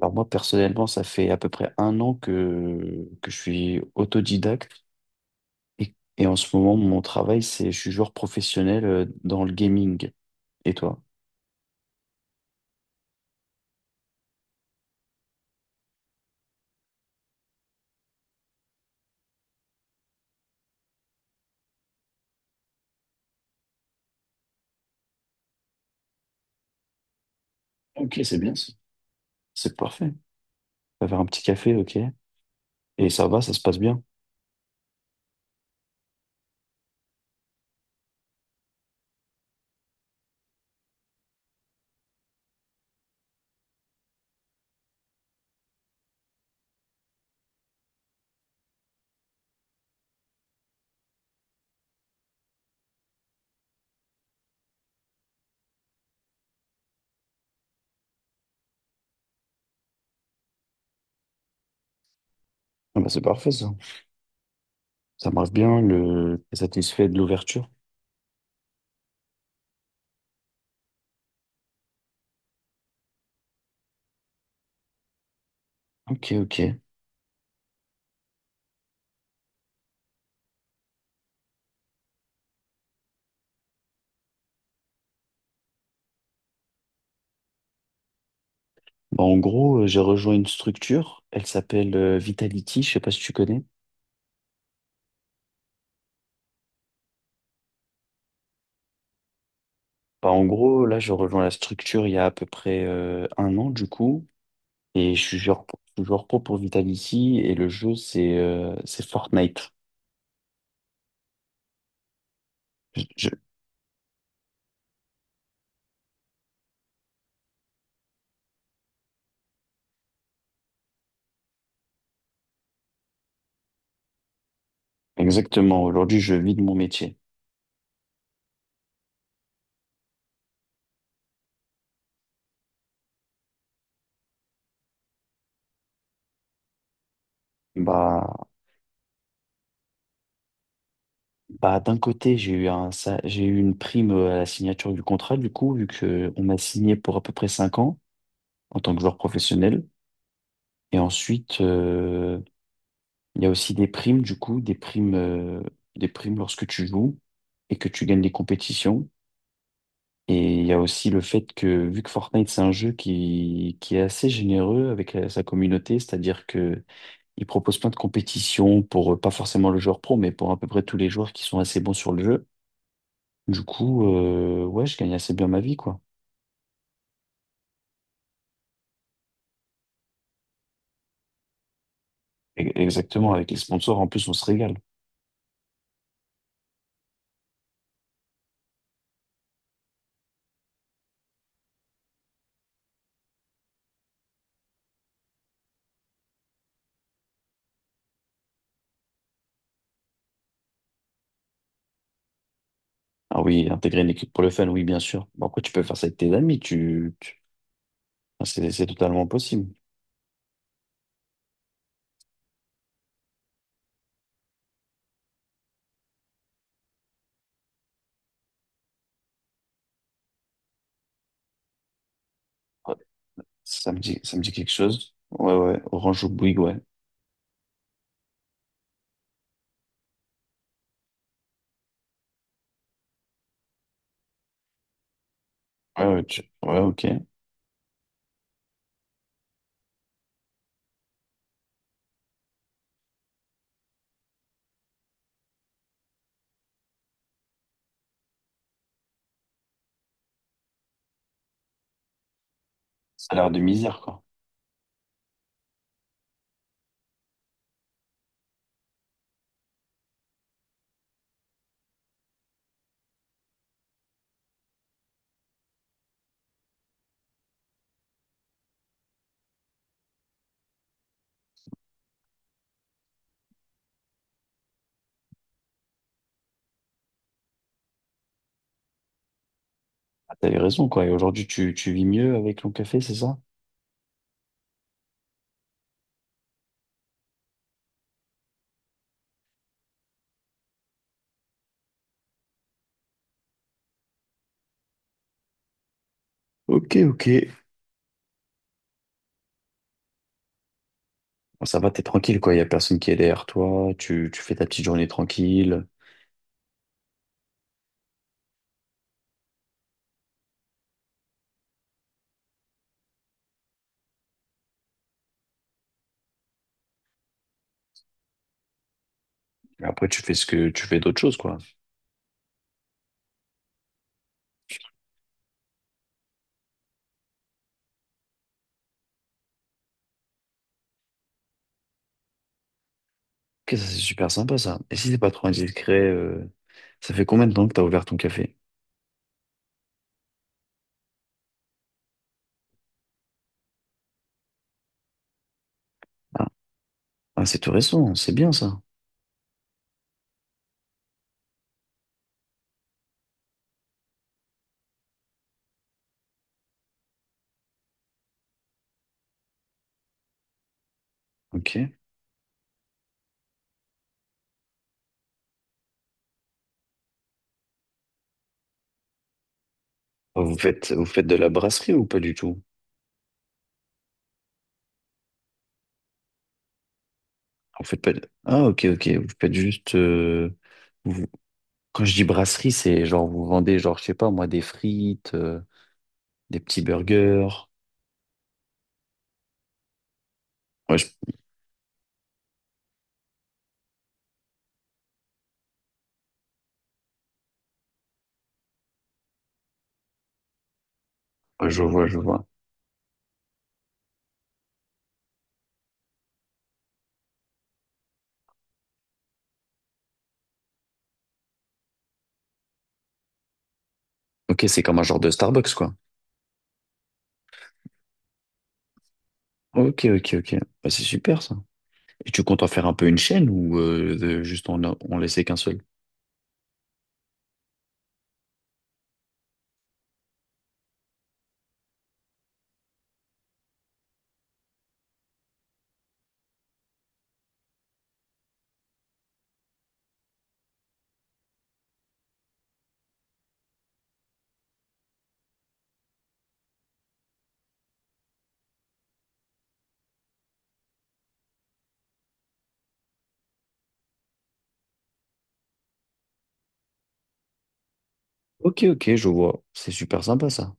Alors moi, personnellement, ça fait à peu près un an que je suis autodidacte et en ce moment, mon travail, c'est je suis joueur professionnel dans le gaming. Et toi? Ok, c'est bien ça. C'est parfait. On va faire un petit café, ok? Et ça va, ça se passe bien. Ah bah, c'est parfait ça. Ça marche bien, t'es satisfait de l'ouverture. Ok, ok. Bah, en gros, j'ai rejoint une structure, elle s'appelle Vitality, je sais pas si tu connais. Bah, en gros, là, je rejoins la structure il y a à peu près un an du coup, et je suis je suis joueur pro pour Vitality, et le jeu, c'est Fortnite. Je- je- Exactement, aujourd'hui, je vis de mon métier. Bah, bah, d'un côté, j'ai eu une prime à la signature du contrat, du coup, vu que on m'a signé pour à peu près 5 ans en tant que joueur professionnel. Et ensuite, il y a aussi des primes, du coup, des primes lorsque tu joues et que tu gagnes des compétitions. Et il y a aussi le fait que, vu que Fortnite, c'est un jeu qui est assez généreux avec sa communauté, c'est-à-dire que il propose plein de compétitions pour, pas forcément le joueur pro, mais pour à peu près tous les joueurs qui sont assez bons sur le jeu. Du coup, ouais, je gagne assez bien ma vie, quoi. Exactement, avec les sponsors, en plus, on se régale. Ah oui, intégrer une équipe pour le fun, oui, bien sûr. Bon, après, tu peux faire ça avec tes amis, enfin, c'est totalement possible. Ça me dit, quelque chose. Ouais, ouais, Orange ou Bouygues, ouais. Ouais, ouais, ouais, ok. Ça a l'air de misère, quoi. Ah, t'avais raison, quoi. Et aujourd'hui, tu vis mieux avec ton café, c'est ça? Ok, ok. Bon, ça va, t'es tranquille, quoi. Il y a personne qui est derrière toi. Tu fais ta petite journée tranquille. Et après, tu fais d'autres choses, quoi. Ok, ça, c'est super sympa, ça. Et si c'est pas trop indiscret, ça fait combien de temps que t'as ouvert ton café? Ah, ah, c'est tout récent. C'est bien, ça. Ok. Vous faites de la brasserie ou pas du tout? Vous faites pas de... Ah, ok, ok. Vous faites juste... vous- Quand je dis brasserie, c'est genre vous vendez, genre, je sais pas, moi, des frites, des petits burgers. Ouais, je... ouais, je vois. Ok, c'est comme un genre de Starbucks, quoi. Ok, ok, ok. Bah, c'est super, ça. Et tu comptes en faire un peu une chaîne ou juste on laissait qu'un seul? Ok, ok, je vois. C'est super sympa, ça.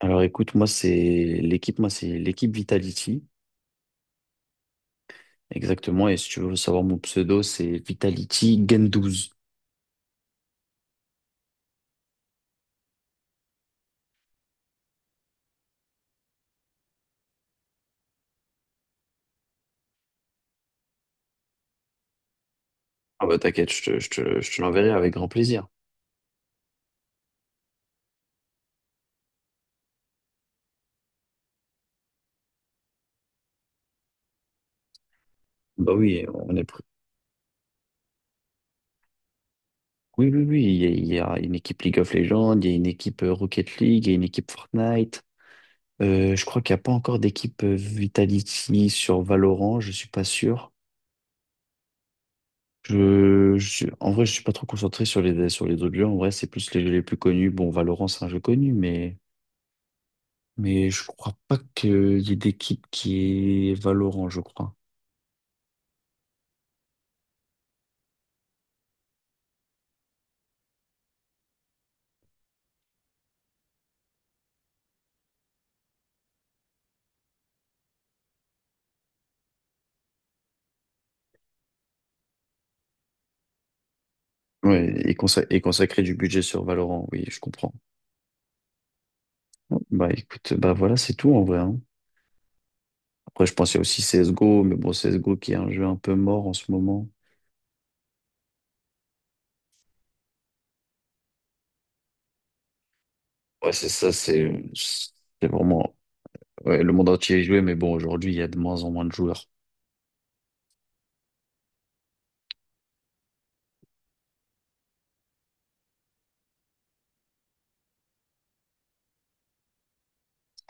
Alors, écoute, moi, c'est l'équipe Vitality. Exactement. Et si tu veux savoir mon pseudo, c'est Vitality Gen. Ah bah t'inquiète, je te l'enverrai avec grand plaisir. Bah oui, on est prêt. Oui, oui, oui, il y a une équipe League of Legends, il y a une équipe Rocket League, il y a une équipe Fortnite. Je crois qu'il n'y a pas encore d'équipe Vitality sur Valorant, je suis pas sûr. En vrai, je suis pas trop concentré sur sur les autres jeux. En vrai, c'est plus les jeux les plus connus. Bon, Valorant, c'est un jeu connu, mais je crois pas qu'il y ait d'équipe qui est Valorant, je crois. Ouais, et consacrer du budget sur Valorant, oui, je comprends. Bah écoute, bah voilà, c'est tout en vrai. Hein. Après, je pensais aussi CSGO, mais bon, CSGO qui est un jeu un peu mort en ce moment. Ouais, c'est ça, c'est vraiment. Ouais, le monde entier y jouait, mais bon, aujourd'hui, il y a de moins en moins de joueurs.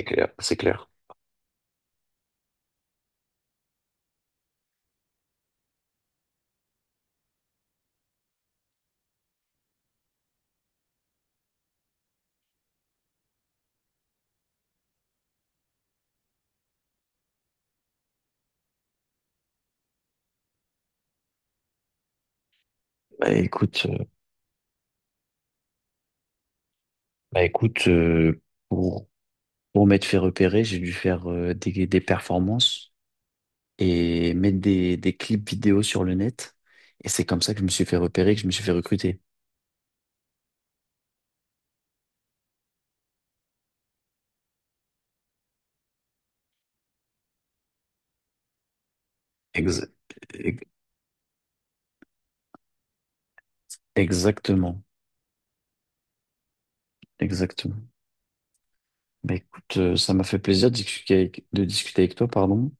C'est clair, c'est clair. Bah écoute, euh, bah, écoute pour, pour m'être fait repérer, j'ai dû faire des performances et mettre des clips vidéo sur le net. Et c'est comme ça que je me suis fait repérer, que je me suis fait recruter. Ex- ex- exactement, exactement. Bah écoute, ça m'a fait plaisir de discuter de discuter avec toi, pardon.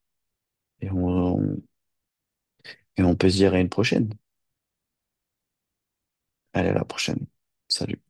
Et on, on- et on peut se dire à une prochaine. Allez, à la prochaine. Salut.